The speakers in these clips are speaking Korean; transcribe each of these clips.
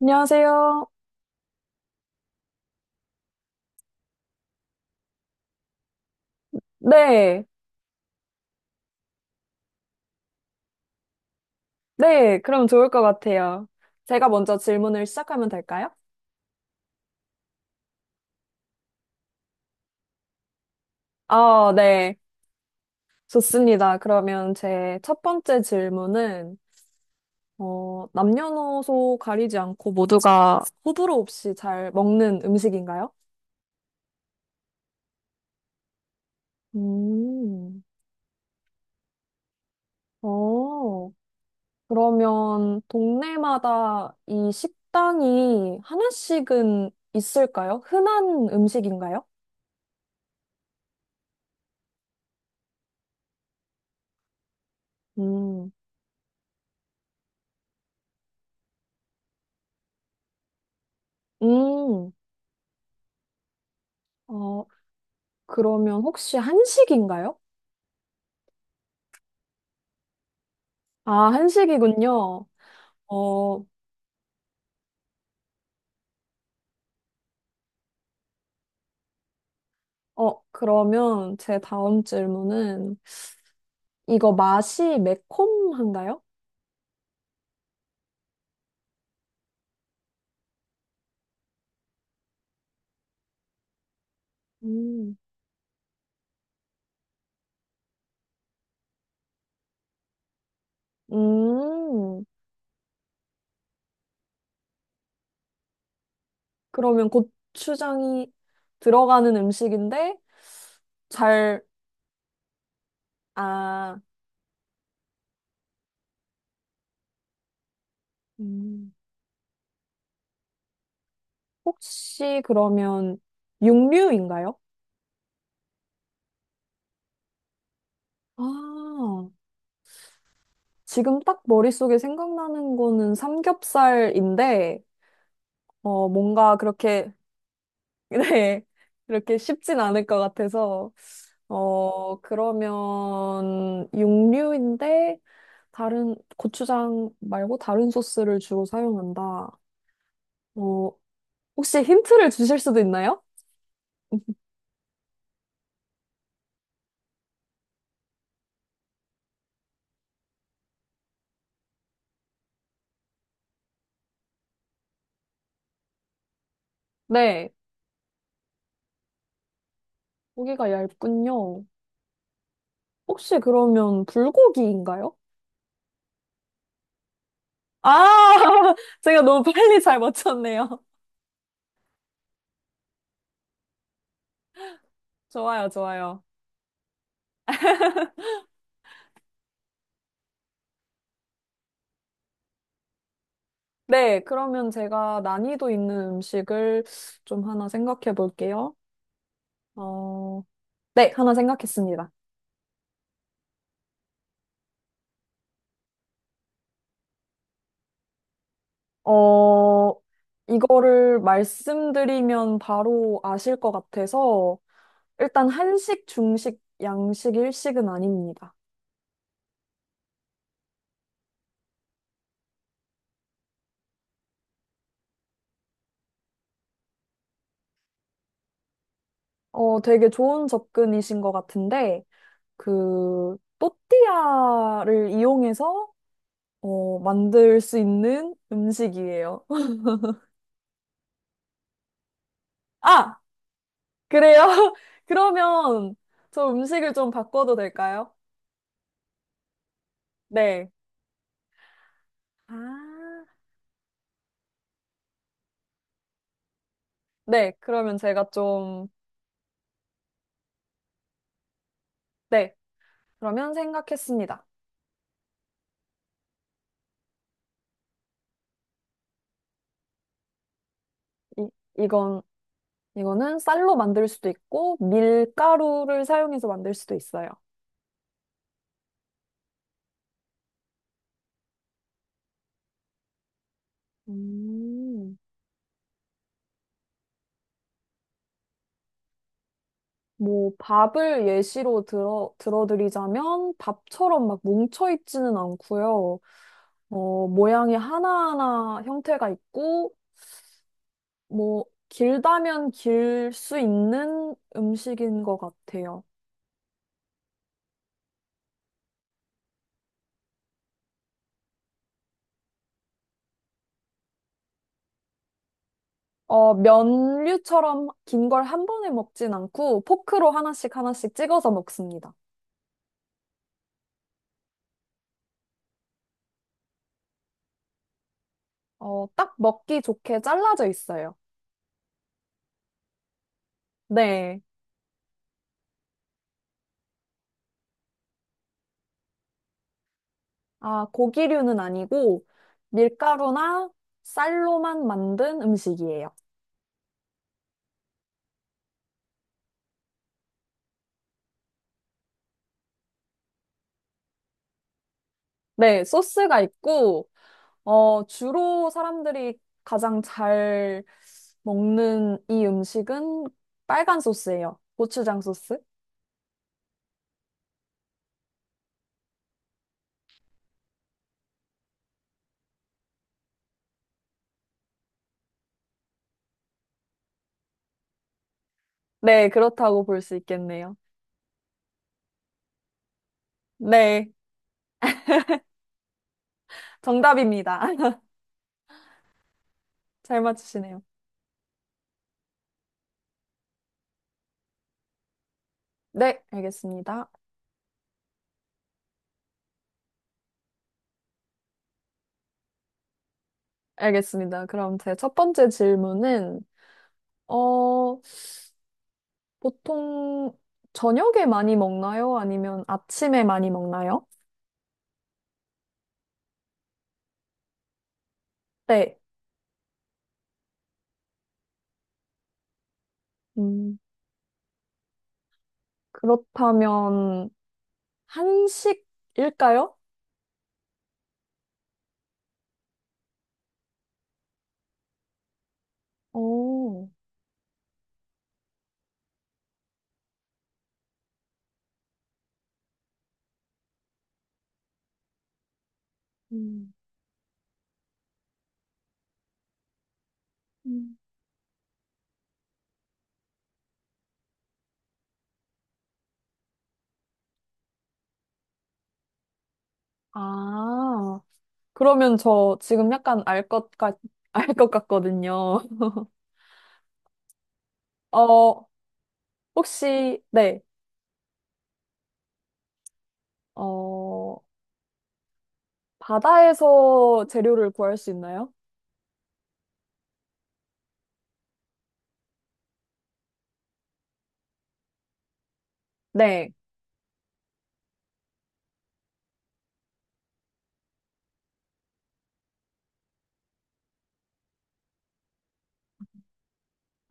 안녕하세요. 네, 네, 그럼 좋을 것 같아요. 제가 먼저 질문을 시작하면 될까요? 네, 좋습니다. 그러면 제 첫 번째 질문은, 남녀노소 가리지 않고 모두가 호불호 없이 잘 먹는 음식인가요? 음. 어, 그러면 동네마다 이 식당이 하나씩은 있을까요? 흔한 음식인가요? 음. 음. 어, 그러면 혹시 한식인가요? 아, 한식이군요. 어, 그러면 제 다음 질문은 이거 맛이 매콤한가요? 음. 음. 그러면 고추장이 들어가는 음식인데 잘, 아, 음, 혹시 그러면 육류인가요? 아, 지금 딱 머릿속에 생각나는 거는 삼겹살인데, 뭔가 그렇게 네. 이렇게 쉽진 않을 것 같아서, 그러면 육류인데 다른 고추장 말고 다른 소스를 주로 사용한다. 어, 혹시 힌트를 주실 수도 있나요? 네. 고기가 얇군요. 혹시 그러면 불고기인가요? 아, 제가 너무 빨리 잘 맞췄네요. 좋아요, 좋아요. 네, 그러면 제가 난이도 있는 음식을 좀 하나 생각해 볼게요. 어, 네, 하나 생각했습니다. 어, 이거를 말씀드리면 바로 아실 것 같아서, 일단 한식, 중식, 양식, 일식은 아닙니다. 되게 좋은 접근이신 것 같은데, 그, 또띠아를 이용해서, 만들 수 있는 음식이에요. 아! 그래요? 그러면 저 음식을 좀 바꿔도 될까요? 네. 아. 네, 그러면 제가 좀, 네. 그러면 생각했습니다. 이, 이건, 이거는 쌀로 만들 수도 있고, 밀가루를 사용해서 만들 수도 있어요. 음, 뭐, 밥을 예시로 들어, 들어드리자면, 밥처럼 막 뭉쳐있지는 않고요. 모양이 하나하나 형태가 있고, 뭐, 길다면 길 수 있는 음식인 것 같아요. 면류처럼 긴 걸 한 번에 먹진 않고, 포크로 하나씩 하나씩 찍어서 먹습니다. 딱 먹기 좋게 잘라져 있어요. 네. 아, 고기류는 아니고 밀가루나 쌀로만 만든 음식이에요. 네, 소스가 있고, 주로 사람들이 가장 잘 먹는 이 음식은 빨간 소스예요. 고추장 소스? 네, 그렇다고 볼 수 있겠네요. 네, 정답입니다. 잘 맞추시네요. 네, 알겠습니다. 알겠습니다. 그럼 제 첫 번째 질문은, 어, 보통 저녁에 많이 먹나요? 아니면 아침에 많이 먹나요? 네. 음, 그렇다면 한식일까요? 오. 음. 음. 아, 그러면 저 지금 약간 알 것 같, 알 것 같거든요. 어, 혹시, 네, 어, 바다에서 재료를 구할 수 있나요? 네.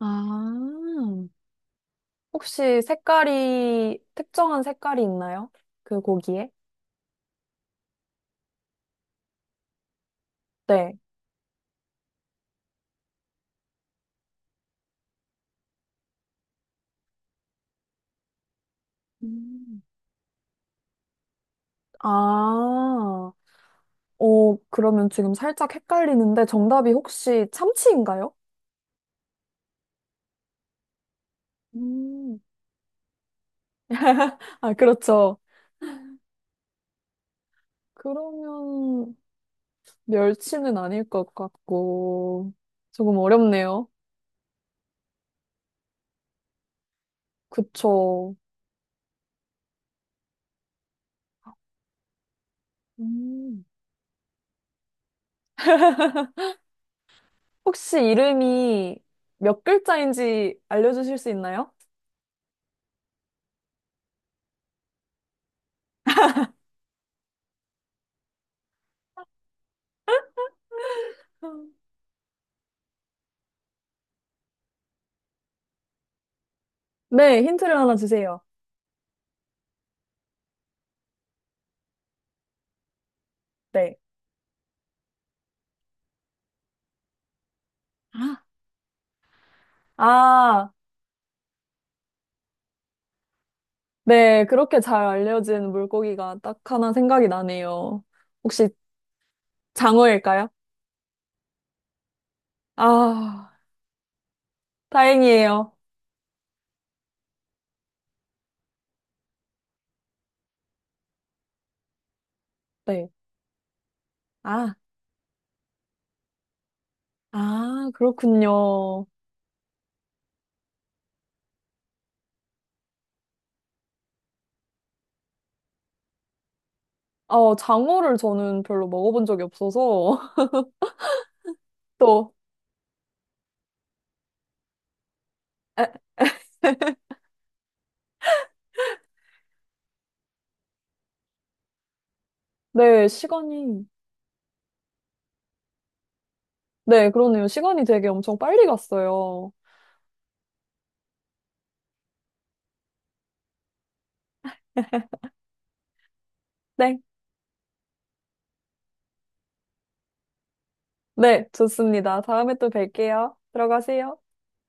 아. 혹시 색깔이, 특정한 색깔이 있나요? 그 고기에? 네. 음. 아, 어, 그러면 지금 살짝 헷갈리는데 정답이 혹시 참치인가요? 음. 아, 그렇죠. 그러면 멸치는 아닐 것 같고, 조금 어렵네요. 그쵸. 음. 혹시 이름이 몇 글자인지 알려주실 수 있나요? 네, 힌트를 하나 주세요. 네. 아, 네. 그렇게 잘 알려진 물고기가 딱 하나 생각이 나네요. 혹시 장어일까요? 아, 다행이에요. 네. 아, 아, 그렇군요. 장어를 저는 별로 먹어본 적이 없어서. 또, 에, 네, 시간이. 네, 그러네요. 시간이 되게 엄청 빨리 갔어요. 네. 네, 좋습니다. 다음에 또 뵐게요. 들어가세요.